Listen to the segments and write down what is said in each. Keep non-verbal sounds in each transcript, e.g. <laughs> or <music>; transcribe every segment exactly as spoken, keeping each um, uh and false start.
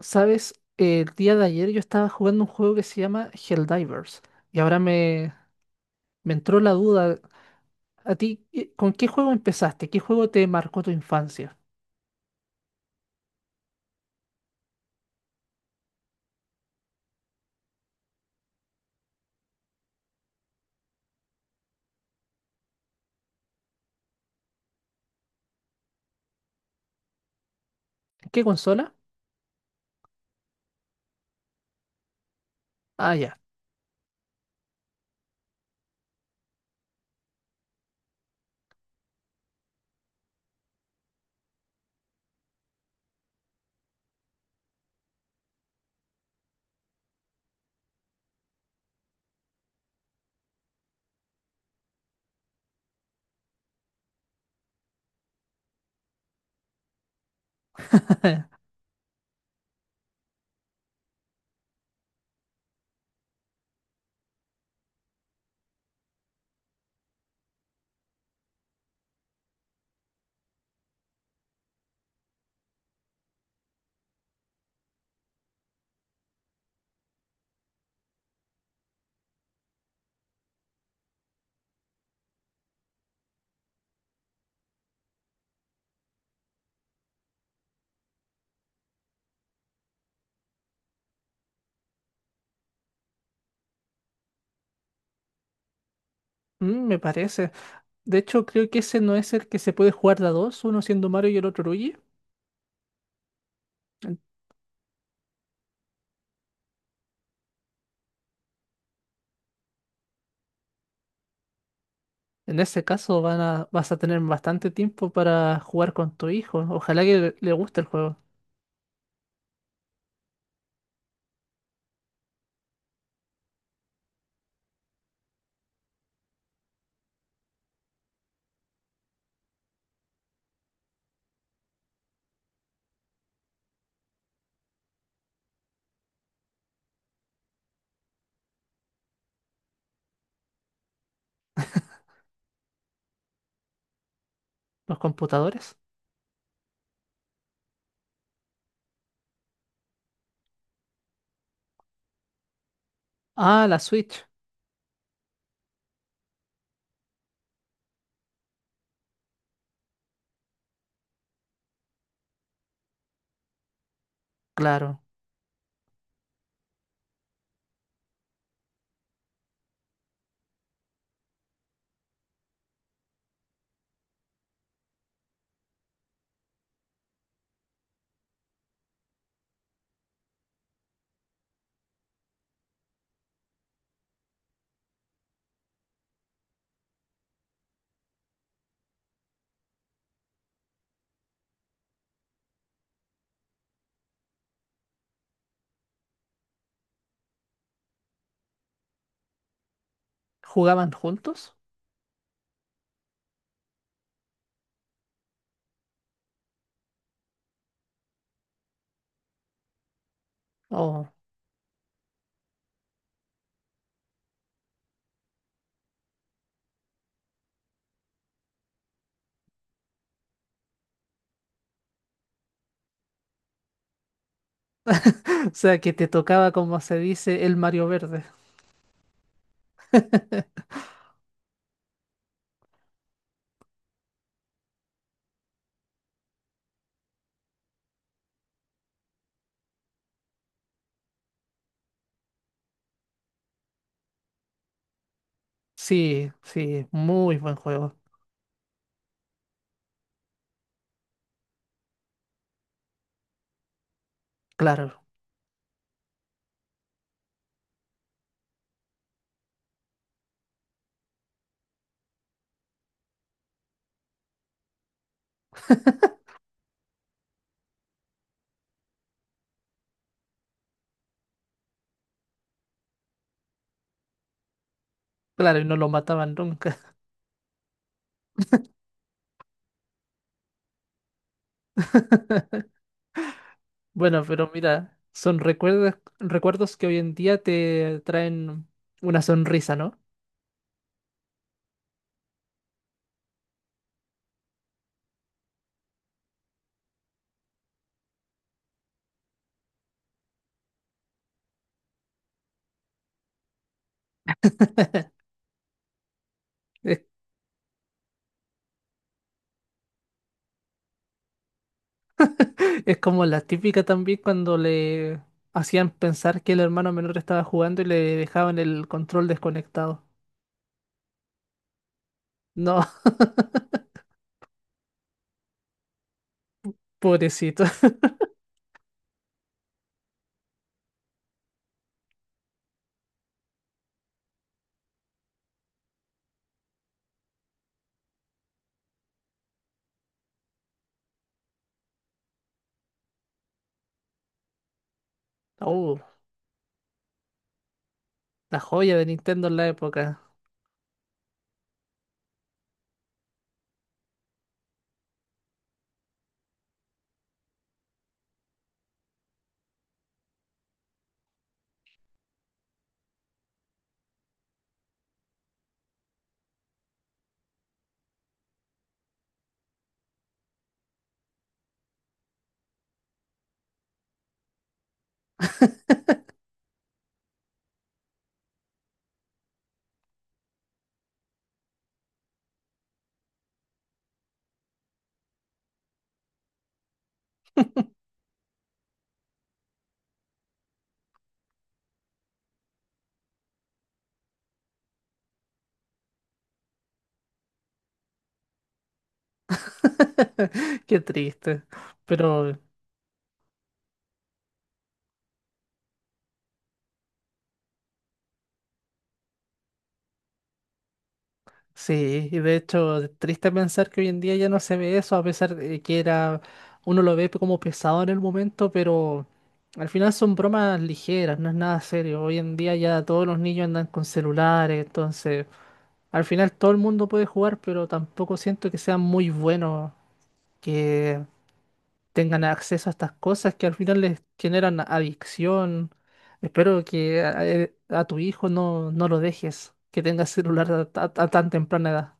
Sabes, el día de ayer yo estaba jugando un juego que se llama Helldivers y ahora me, me entró la duda. ¿A ti qué- con qué juego empezaste? ¿Qué juego te marcó tu infancia? ¿En qué consola? Ah, ya. <laughs> Mm, me parece. De hecho, creo que ese no es el que se puede jugar de a dos, uno siendo Mario y el otro Luigi. En, en ese caso van a, vas a tener bastante tiempo para jugar con tu hijo. Ojalá que le, le guste el juego. Los computadores. Ah, la Switch. Claro. ¿Jugaban juntos? Oh. O sea, que te tocaba, como se dice, el Mario Verde. Sí, sí, muy buen juego. Claro, claro, y no lo mataban nunca. <laughs> Bueno, pero mira, son recuerdos, recuerdos que hoy en día te traen una sonrisa, ¿no? <laughs> Es, es como la típica también cuando le hacían pensar que el hermano menor estaba jugando y le dejaban el control desconectado. No, <laughs> pobrecito. <laughs> Oh, la joya de Nintendo en la época. <laughs> Qué triste. Pero sí, y de hecho, es triste pensar que hoy en día ya no se ve eso, a pesar de que era, uno lo ve como pesado en el momento, pero al final son bromas ligeras, no es nada serio. Hoy en día ya todos los niños andan con celulares, entonces al final todo el mundo puede jugar, pero tampoco siento que sean muy buenos, que tengan acceso a estas cosas que al final les generan adicción. Espero que a, eh, a tu hijo no, no lo dejes, que tenga celular a, ta- a tan temprana edad.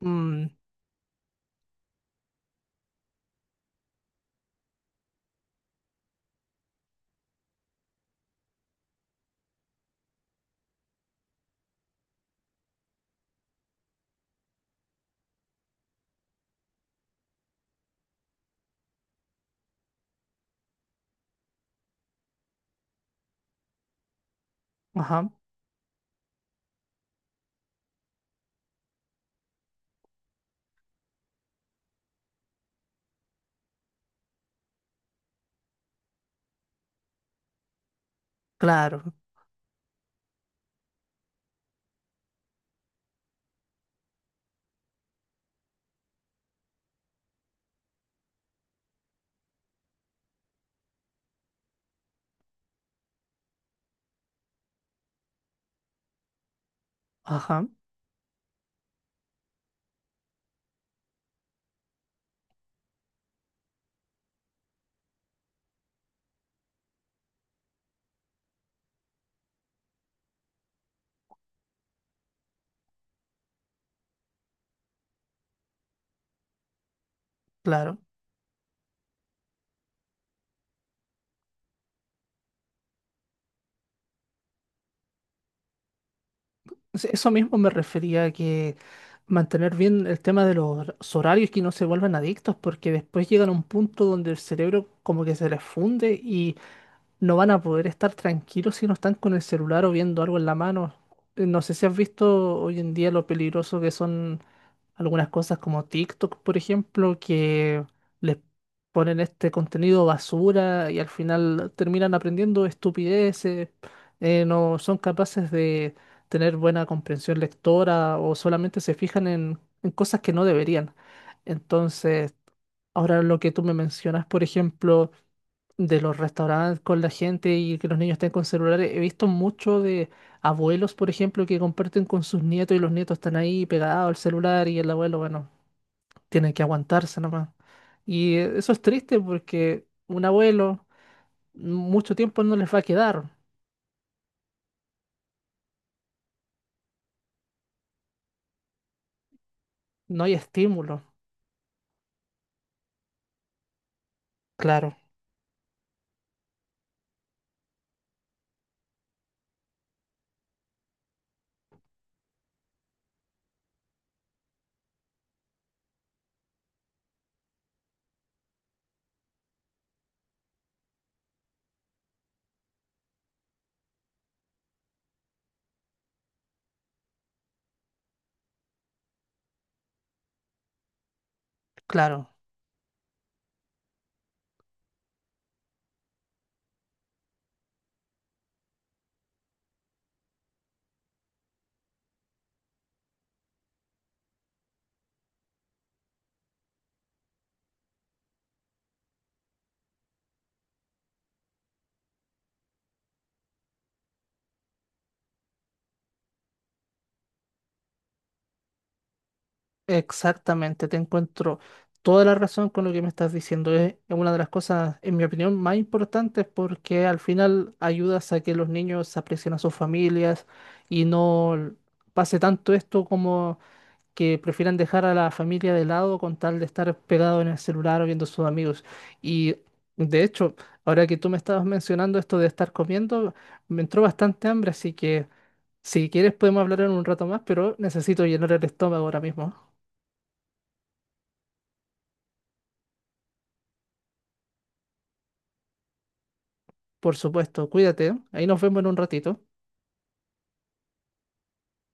Mm, ajá, claro, ajá, claro. Sí, eso mismo me refería a que mantener bien el tema de los hor- horarios, que no se vuelvan adictos, porque después llegan a un punto donde el cerebro como que se les funde, no van a poder estar tranquilos si no están con el celular o viendo algo en la mano. Eh, No sé si has visto hoy en día lo peligroso que son algunas cosas como TikTok, por ejemplo, que les ponen este contenido basura y al final terminan aprendiendo estupideces. Eh, no son capaces de tener buena comprensión lectora o solamente se fijan en, en cosas que no deberían. Entonces, ahora lo que tú me mencionas, por ejemplo, de los restaurantes con la gente y que los niños estén con celulares. He visto mucho de abuelos, por ejemplo, que comparten con sus nietos y los nietos están ahí pegados al celular y el abuelo, bueno, tiene que aguantarse nomás. Y eh, eso es triste porque un abuelo mucho tiempo no les va a quedar, no hay estímulo. Claro, claro. Exactamente, te encuentro toda la razón con lo que me estás diciendo. Es una de las cosas, en mi opinión, más importantes porque al final ayudas a que los niños aprecien a sus familias y no pase tanto esto como que prefieran dejar a la familia de lado con tal de estar pegado en el celular o viendo a sus amigos. Y de hecho, ahora que tú me estabas mencionando esto de estar comiendo, me entró bastante hambre, así que si quieres podemos hablar en un rato más, pero necesito llenar el estómago ahora mismo. Por supuesto, cuídate, ¿eh? Ahí nos vemos en un ratito.